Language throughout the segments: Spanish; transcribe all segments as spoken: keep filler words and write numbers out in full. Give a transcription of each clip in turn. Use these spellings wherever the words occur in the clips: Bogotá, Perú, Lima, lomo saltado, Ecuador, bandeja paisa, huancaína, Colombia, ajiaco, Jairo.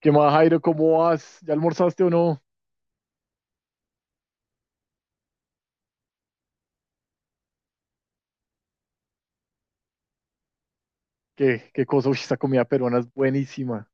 ¿Qué más, Jairo? ¿Cómo vas? ¿Ya almorzaste o no? ¿Qué, qué cosa? Uy, esta comida peruana es buenísima.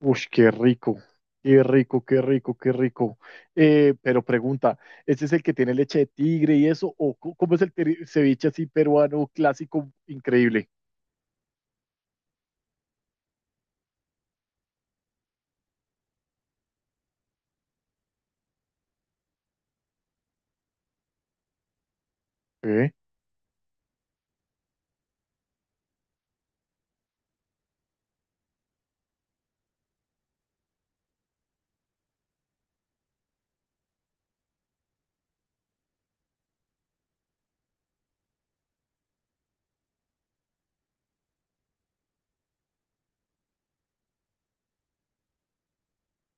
Uy, qué rico. Qué rico, qué rico, qué rico. Eh, pero pregunta, ¿este es el que tiene leche de tigre y eso? ¿O co- cómo es el teri- ceviche así peruano clásico increíble? ¿Eh?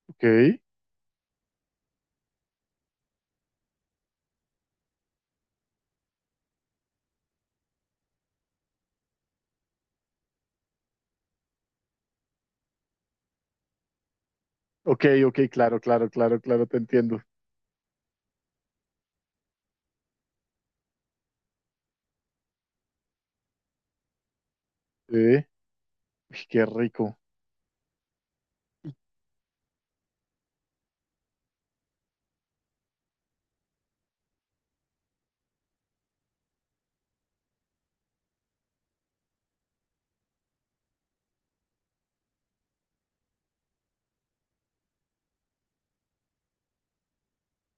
Ok, ok, ok, claro, claro, claro, claro, te entiendo. ¿Eh? Uy, qué rico.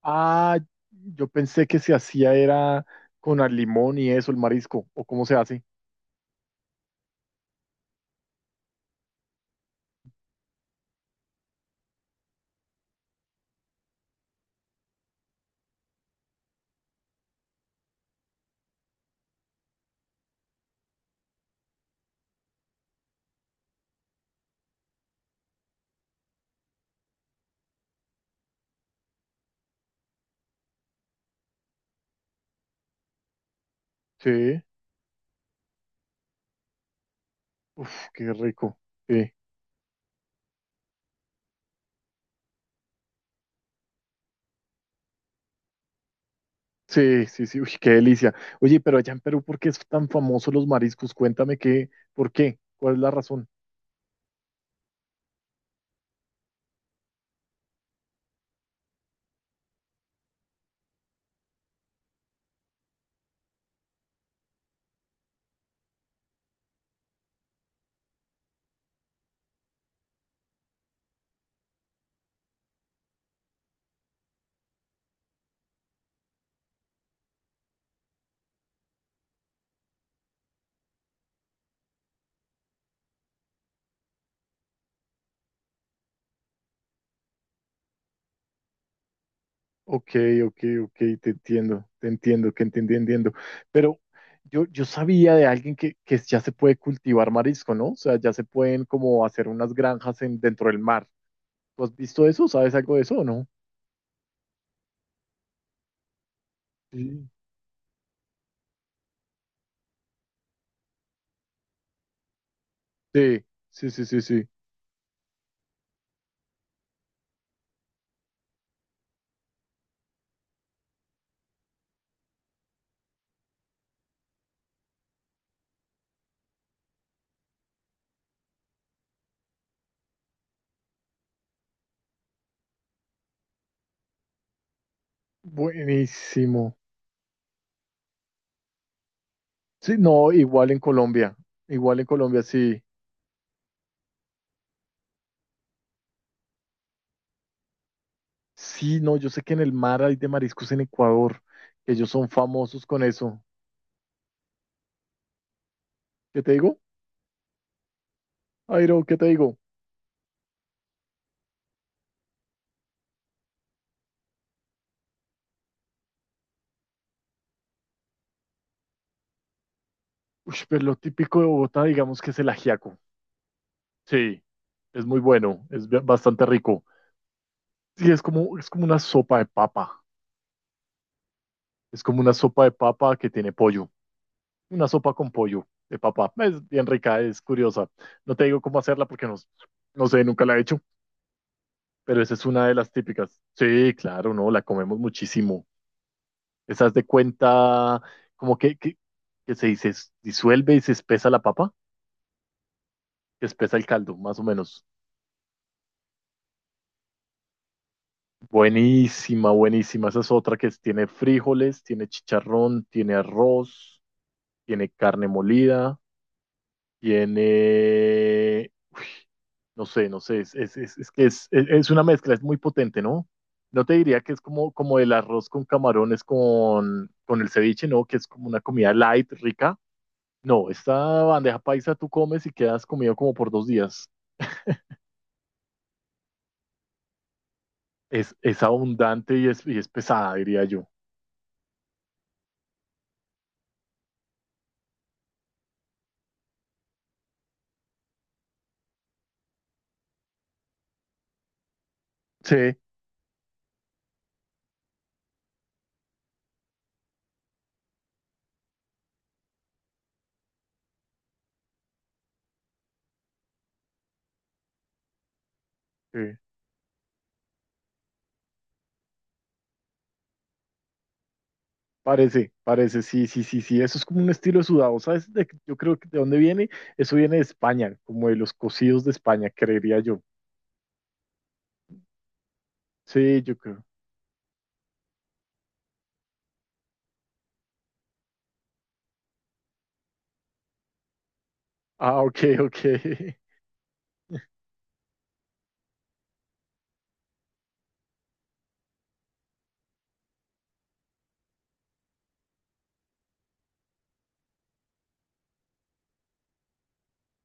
Ah, yo pensé que se hacía era con al limón y eso, el marisco. ¿O cómo se hace? Sí. Uf, qué rico. Sí, sí, sí, sí. Uy, qué delicia. Oye, pero allá en Perú, ¿por qué es tan famoso los mariscos? Cuéntame qué, ¿por qué? ¿Cuál es la razón? Ok, ok, ok, te entiendo, te entiendo, que entendí, entiendo. Pero yo, yo sabía de alguien que, que ya se puede cultivar marisco, ¿no? O sea, ya se pueden como hacer unas granjas en, dentro del mar. ¿Tú has visto eso? ¿Sabes algo de eso o no? Sí. Sí, sí, sí, sí, sí. Buenísimo. Sí, no, igual en Colombia. Igual en Colombia, sí. Sí, no, yo sé que en el mar hay de mariscos en Ecuador, que ellos son famosos con eso. ¿Qué te digo? Airo, ¿qué te digo? Uy, pero lo típico de Bogotá, digamos que es el ajiaco. Sí, es muy bueno, es ba- bastante rico. Sí, es como, es como una sopa de papa. Es como una sopa de papa que tiene pollo. Una sopa con pollo de papa. Es bien rica, es curiosa. No te digo cómo hacerla porque no, no sé, nunca la he hecho, pero esa es una de las típicas. Sí, claro, no, la comemos muchísimo. ¿Estás de cuenta como que, que, que se dice, disuelve y se espesa la papa? Que espesa el caldo, más o menos. Buenísima, buenísima. Esa es otra que es- tiene frijoles, tiene chicharrón, tiene arroz, tiene carne molida, tiene... No sé, no sé, es, es, es, es que es, es, es una mezcla, es muy potente, ¿no? No te diría que es como, como el arroz con camarones con, con el ceviche, ¿no? Que es como una comida light, rica. No, esta bandeja paisa tú comes y quedas comido como por dos días. Es, es abundante y es, y es pesada, diría yo. Sí, sí. Parece, parece, sí, sí, sí, sí. Eso es como un estilo sudado, ¿sabes? De- yo creo que de dónde viene. Eso viene de España, como de los cocidos de España, creería yo. Sí, yo creo. Ah, ok, ok.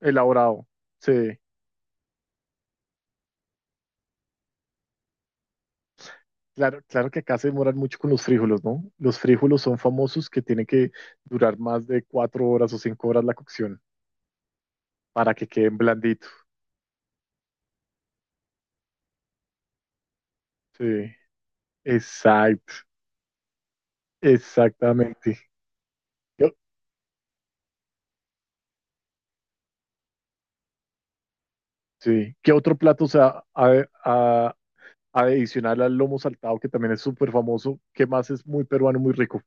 Elaborado. Sí. Claro, claro que acá se demoran mucho con los frijoles, ¿no? Los frijoles son famosos que tienen que durar más de cuatro horas o cinco horas la cocción para que queden blanditos. Sí, exacto, exactamente. Yo- sí. ¿Qué otro plato, o sea, a- a- adicional al lomo saltado, que también es súper famoso, que más es muy peruano, muy rico?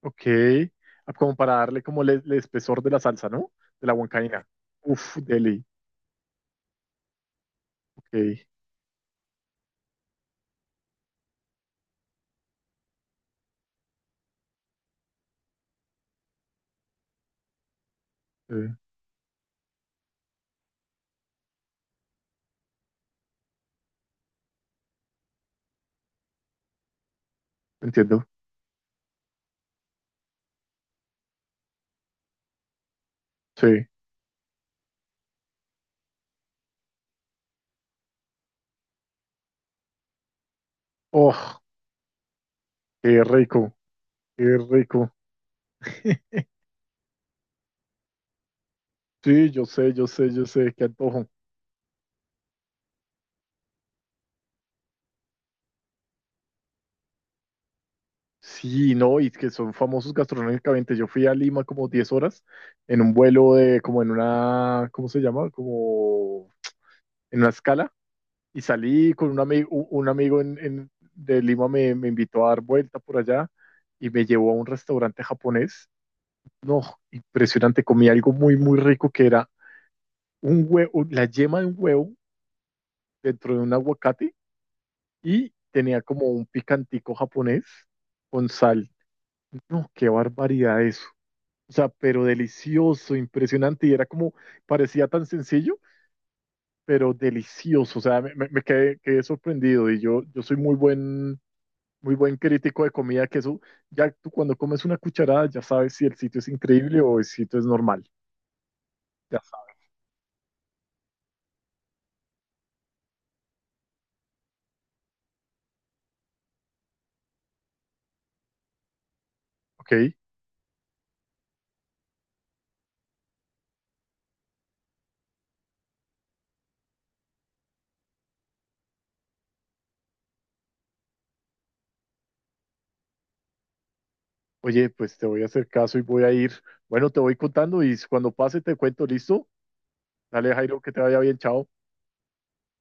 Ok, ah, como para darle como el, el espesor de la salsa, ¿no? De la huancaína. Uf, deli, ok, eh, entiendo, sí. Oh, qué rico, qué rico. Sí, yo sé, yo sé, yo sé, qué antojo. Sí, no, y que son famosos gastronómicamente. Yo fui a Lima como diez horas en un vuelo de, como en una, ¿cómo se llama? Como en una escala. Y salí con un amigo, un amigo en, en- de Lima me, me invitó a dar vuelta por allá y me llevó a un restaurante japonés. No, impresionante. Comí algo muy, muy rico que era un huevo, la yema de un huevo dentro de un aguacate y tenía como un picantico japonés con sal. No, qué barbaridad eso. O sea, pero delicioso, impresionante. Y era como, parecía tan sencillo, pero delicioso. O sea, me, me- me quedé, quedé sorprendido. Y yo, yo soy muy buen, muy buen crítico de comida, que eso, ya tú cuando comes una cucharada, ya sabes si el sitio es increíble o el sitio es normal. Ya sabes. Ok. Oye, pues te voy a hacer caso y voy a ir. Bueno, te voy contando y cuando pase te cuento, ¿listo? Dale, Jairo, que te vaya bien, chao.